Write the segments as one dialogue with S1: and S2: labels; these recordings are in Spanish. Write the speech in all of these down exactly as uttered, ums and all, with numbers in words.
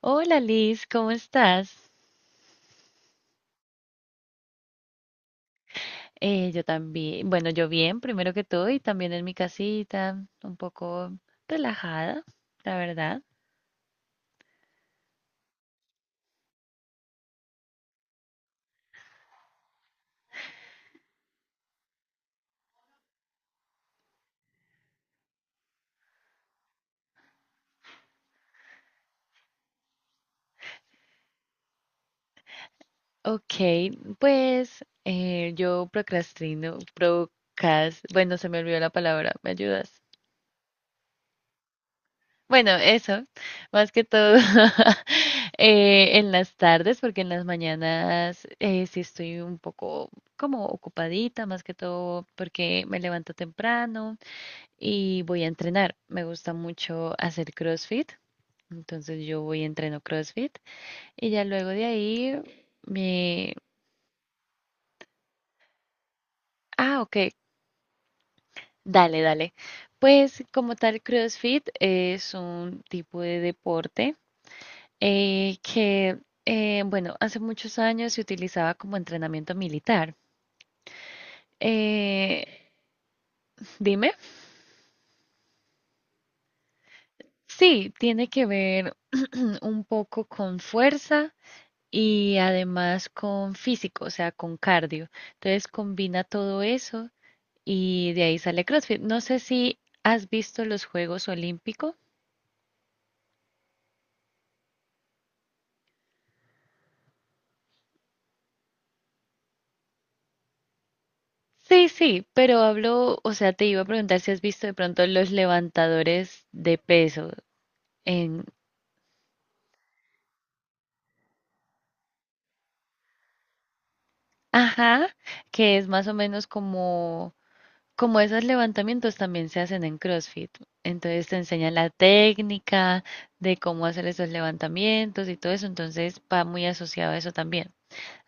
S1: Hola Liz, ¿cómo estás? Eh, yo también, bueno, yo bien, primero que todo, y también en mi casita, un poco relajada, la verdad. Ok, pues eh, yo procrastino, procras, bueno, se me olvidó la palabra, ¿me ayudas? Bueno, eso, más que todo eh, en las tardes, porque en las mañanas eh, sí estoy un poco como ocupadita, más que todo porque me levanto temprano. Y voy a entrenar. Me gusta mucho hacer CrossFit, entonces yo voy y entreno CrossFit y ya luego de ahí. me... Ah, ok, dale, dale. Pues como tal, CrossFit es un tipo de deporte eh, que, eh, bueno, hace muchos años se utilizaba como entrenamiento militar. Eh, Dime, sí, tiene que ver un poco con fuerza y además con físico, o sea, con cardio. Entonces combina todo eso y de ahí sale CrossFit. No sé si has visto los Juegos Olímpicos. Sí, sí, pero hablo, o sea, te iba a preguntar si has visto de pronto los levantadores de peso en, ajá, que es más o menos como, como esos levantamientos también se hacen en CrossFit. Entonces te enseñan la técnica de cómo hacer esos levantamientos y todo eso, entonces va muy asociado a eso también,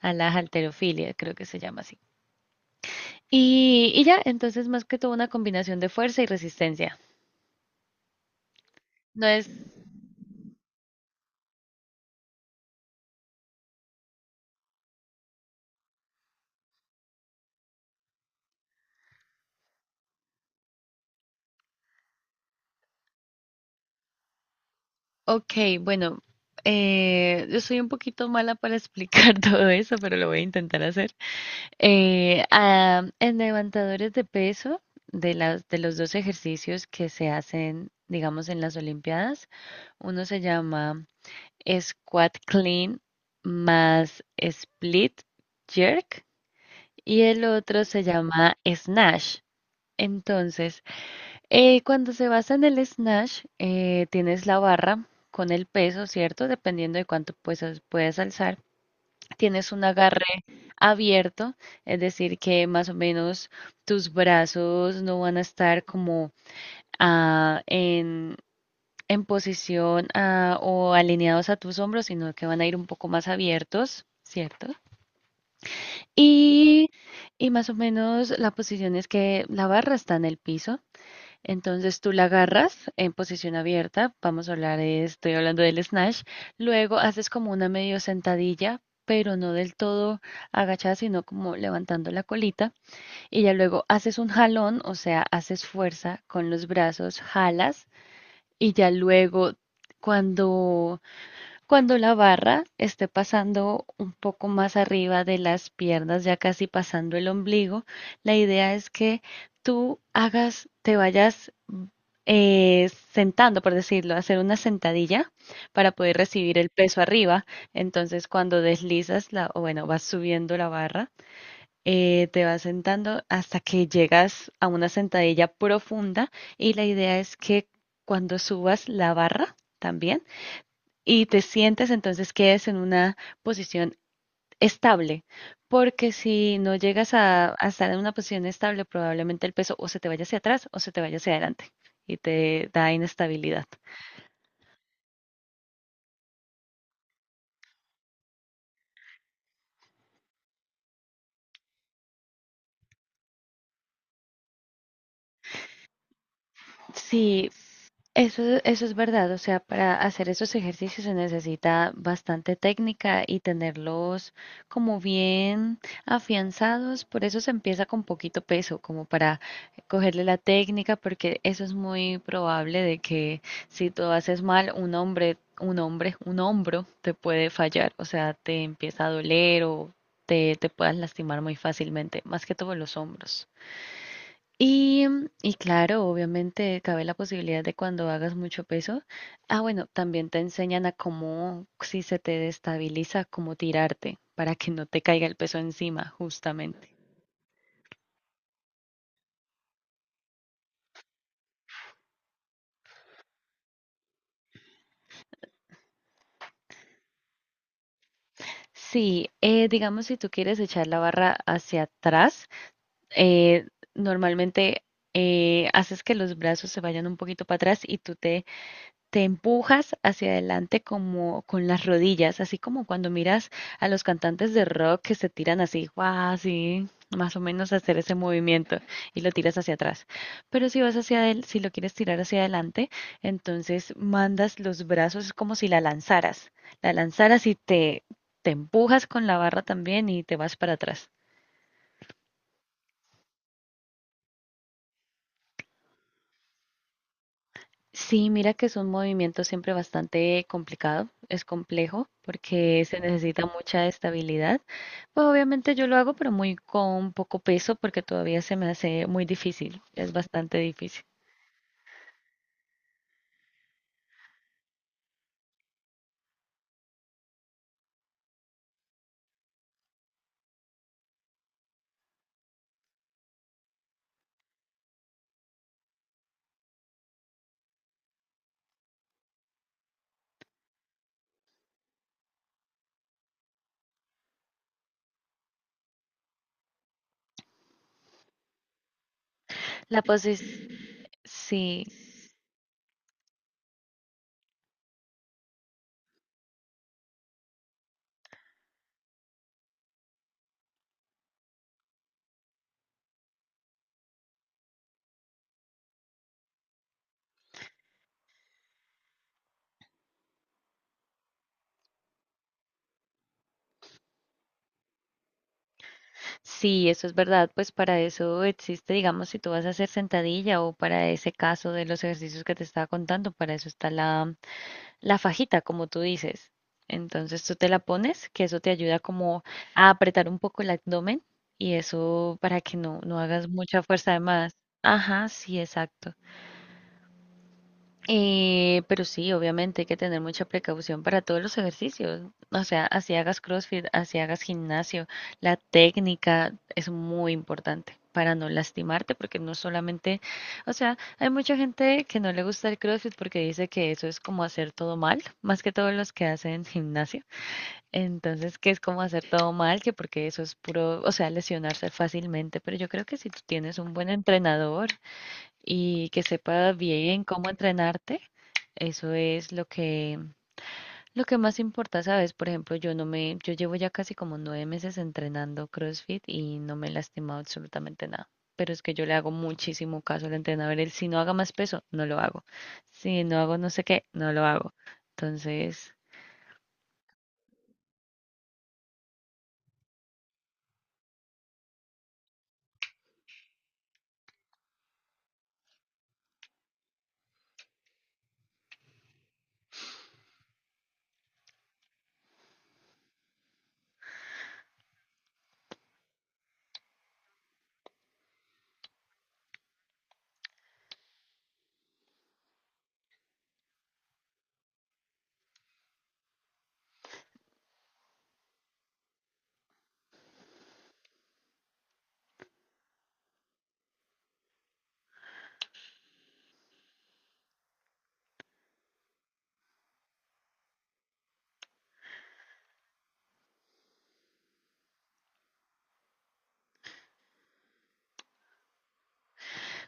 S1: a la halterofilia, creo que se llama así. Y, y ya, entonces más que todo una combinación de fuerza y resistencia. No es, ok, bueno, eh, yo soy un poquito mala para explicar todo eso, pero lo voy a intentar hacer. Eh, ah, en levantadores de peso, de las, de los dos ejercicios que se hacen, digamos, en las Olimpiadas, uno se llama squat clean más split jerk y el otro se llama snatch. Entonces, eh, cuando se basa en el snatch, eh, tienes la barra con el peso, ¿cierto? Dependiendo de cuánto puedas, puedas alzar. Tienes un agarre abierto, es decir, que más o menos tus brazos no van a estar como ah, en, en posición ah, o alineados a tus hombros, sino que van a ir un poco más abiertos, ¿cierto? Y, y más o menos la posición es que la barra está en el piso. Entonces tú la agarras en posición abierta, vamos a hablar, eh, estoy hablando del snatch, luego haces como una medio sentadilla, pero no del todo agachada, sino como levantando la colita, y ya luego haces un jalón, o sea, haces fuerza con los brazos, jalas, y ya luego cuando cuando la barra esté pasando un poco más arriba de las piernas, ya casi pasando el ombligo, la idea es que tú hagas, te vayas mm, eh, sentando, por decirlo, hacer una sentadilla para poder recibir el peso arriba. Entonces, cuando deslizas la, o bueno, vas subiendo la barra, eh, te vas sentando hasta que llegas a una sentadilla profunda y la idea es que cuando subas la barra también y te sientes, entonces quedes en una posición estable, porque si no llegas a, a estar en una posición estable, probablemente el peso o se te vaya hacia atrás o se te vaya hacia adelante y te da inestabilidad. Sí, Eso, eso es verdad, o sea, para hacer esos ejercicios se necesita bastante técnica y tenerlos como bien afianzados, por eso se empieza con poquito peso, como para cogerle la técnica, porque eso es muy probable de que si tú haces mal, un hombre, un hombre, un hombro te puede fallar, o sea, te empieza a doler o te, te puedas lastimar muy fácilmente, más que todo los hombros. Y, y claro, obviamente cabe la posibilidad de cuando hagas mucho peso. Ah, bueno, también te enseñan a cómo, si se te destabiliza, cómo tirarte para que no te caiga el peso encima, justamente. Sí, eh, digamos si tú quieres echar la barra hacia atrás, eh, normalmente eh, haces que los brazos se vayan un poquito para atrás y tú te te empujas hacia adelante como con las rodillas, así como cuando miras a los cantantes de rock que se tiran así, guau, así, más o menos hacer ese movimiento y lo tiras hacia atrás. Pero si vas hacia adel- si lo quieres tirar hacia adelante, entonces mandas los brazos, es como si la lanzaras, la lanzaras y te, te empujas con la barra también y te vas para atrás. Sí, mira que es un movimiento siempre bastante complicado, es complejo porque se necesita mucha estabilidad. Pues obviamente yo lo hago, pero muy con poco peso porque todavía se me hace muy difícil, es bastante difícil. La posición, sí, sí, eso es verdad, pues para eso existe, digamos, si tú vas a hacer sentadilla o para ese caso de los ejercicios que te estaba contando, para eso está la la fajita, como tú dices. Entonces tú te la pones, que eso te ayuda como a apretar un poco el abdomen y eso para que no, no hagas mucha fuerza de más. Ajá, sí, exacto. Eh, pero sí, obviamente hay que tener mucha precaución para todos los ejercicios. O sea, así hagas CrossFit, así hagas gimnasio, la técnica es muy importante para no lastimarte, porque no solamente, o sea, hay mucha gente que no le gusta el CrossFit porque dice que eso es como hacer todo mal, más que todos los que hacen gimnasio. Entonces, que es como hacer todo mal, que porque eso es puro, o sea, lesionarse fácilmente, pero yo creo que si tú tienes un buen entrenador, y que sepa bien cómo entrenarte, eso es lo que, lo que más importa, ¿sabes? Por ejemplo, yo no me, yo llevo ya casi como nueve meses entrenando CrossFit y no me he lastimado absolutamente nada. Pero es que yo le hago muchísimo caso al entrenador. Él, si no haga más peso, no lo hago. Si no hago no sé qué, no lo hago. Entonces,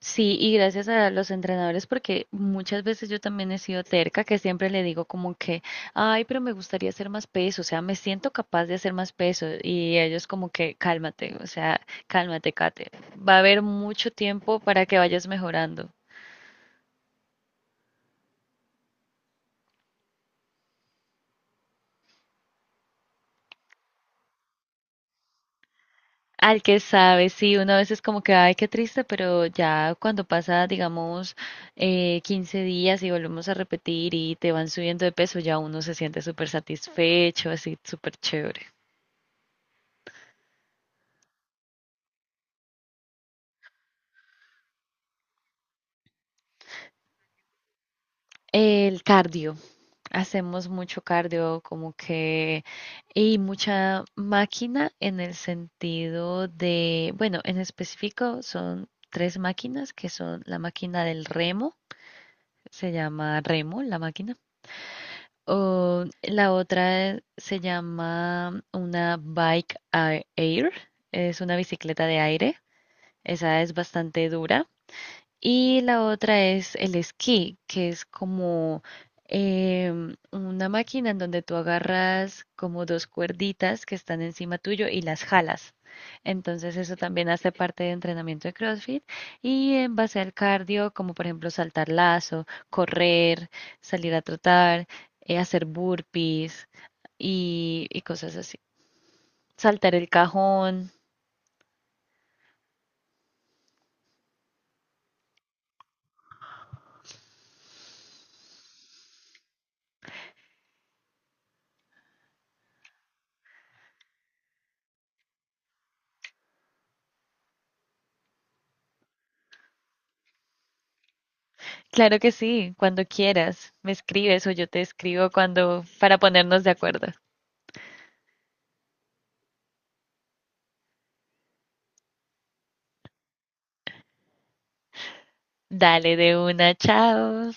S1: sí, y gracias a los entrenadores, porque muchas veces yo también he sido terca, que siempre le digo como que, ay, pero me gustaría hacer más peso, o sea, me siento capaz de hacer más peso, y ellos como que, cálmate, o sea, cálmate, Kate, va a haber mucho tiempo para que vayas mejorando. Al que sabe, sí, una vez es como que, ay, qué triste, pero ya cuando pasa, digamos, eh, quince días y volvemos a repetir y te van subiendo de peso, ya uno se siente súper satisfecho, así, súper chévere. El cardio. Hacemos mucho cardio, como que, y mucha máquina en el sentido de, bueno, en específico son tres máquinas que son la máquina del remo, se llama remo la máquina, o la otra se llama una bike a- air, es una bicicleta de aire, esa es bastante dura y la otra es el esquí, que es como em, una máquina en donde tú agarras como dos cuerditas que están encima tuyo y las jalas. Entonces eso también hace parte de entrenamiento de CrossFit y en base al cardio, como por ejemplo saltar lazo, correr, salir a trotar, eh, hacer burpees y, y cosas así. Saltar el cajón. Claro que sí, cuando quieras, me escribes o yo te escribo cuando para ponernos de acuerdo. Dale de una, chao.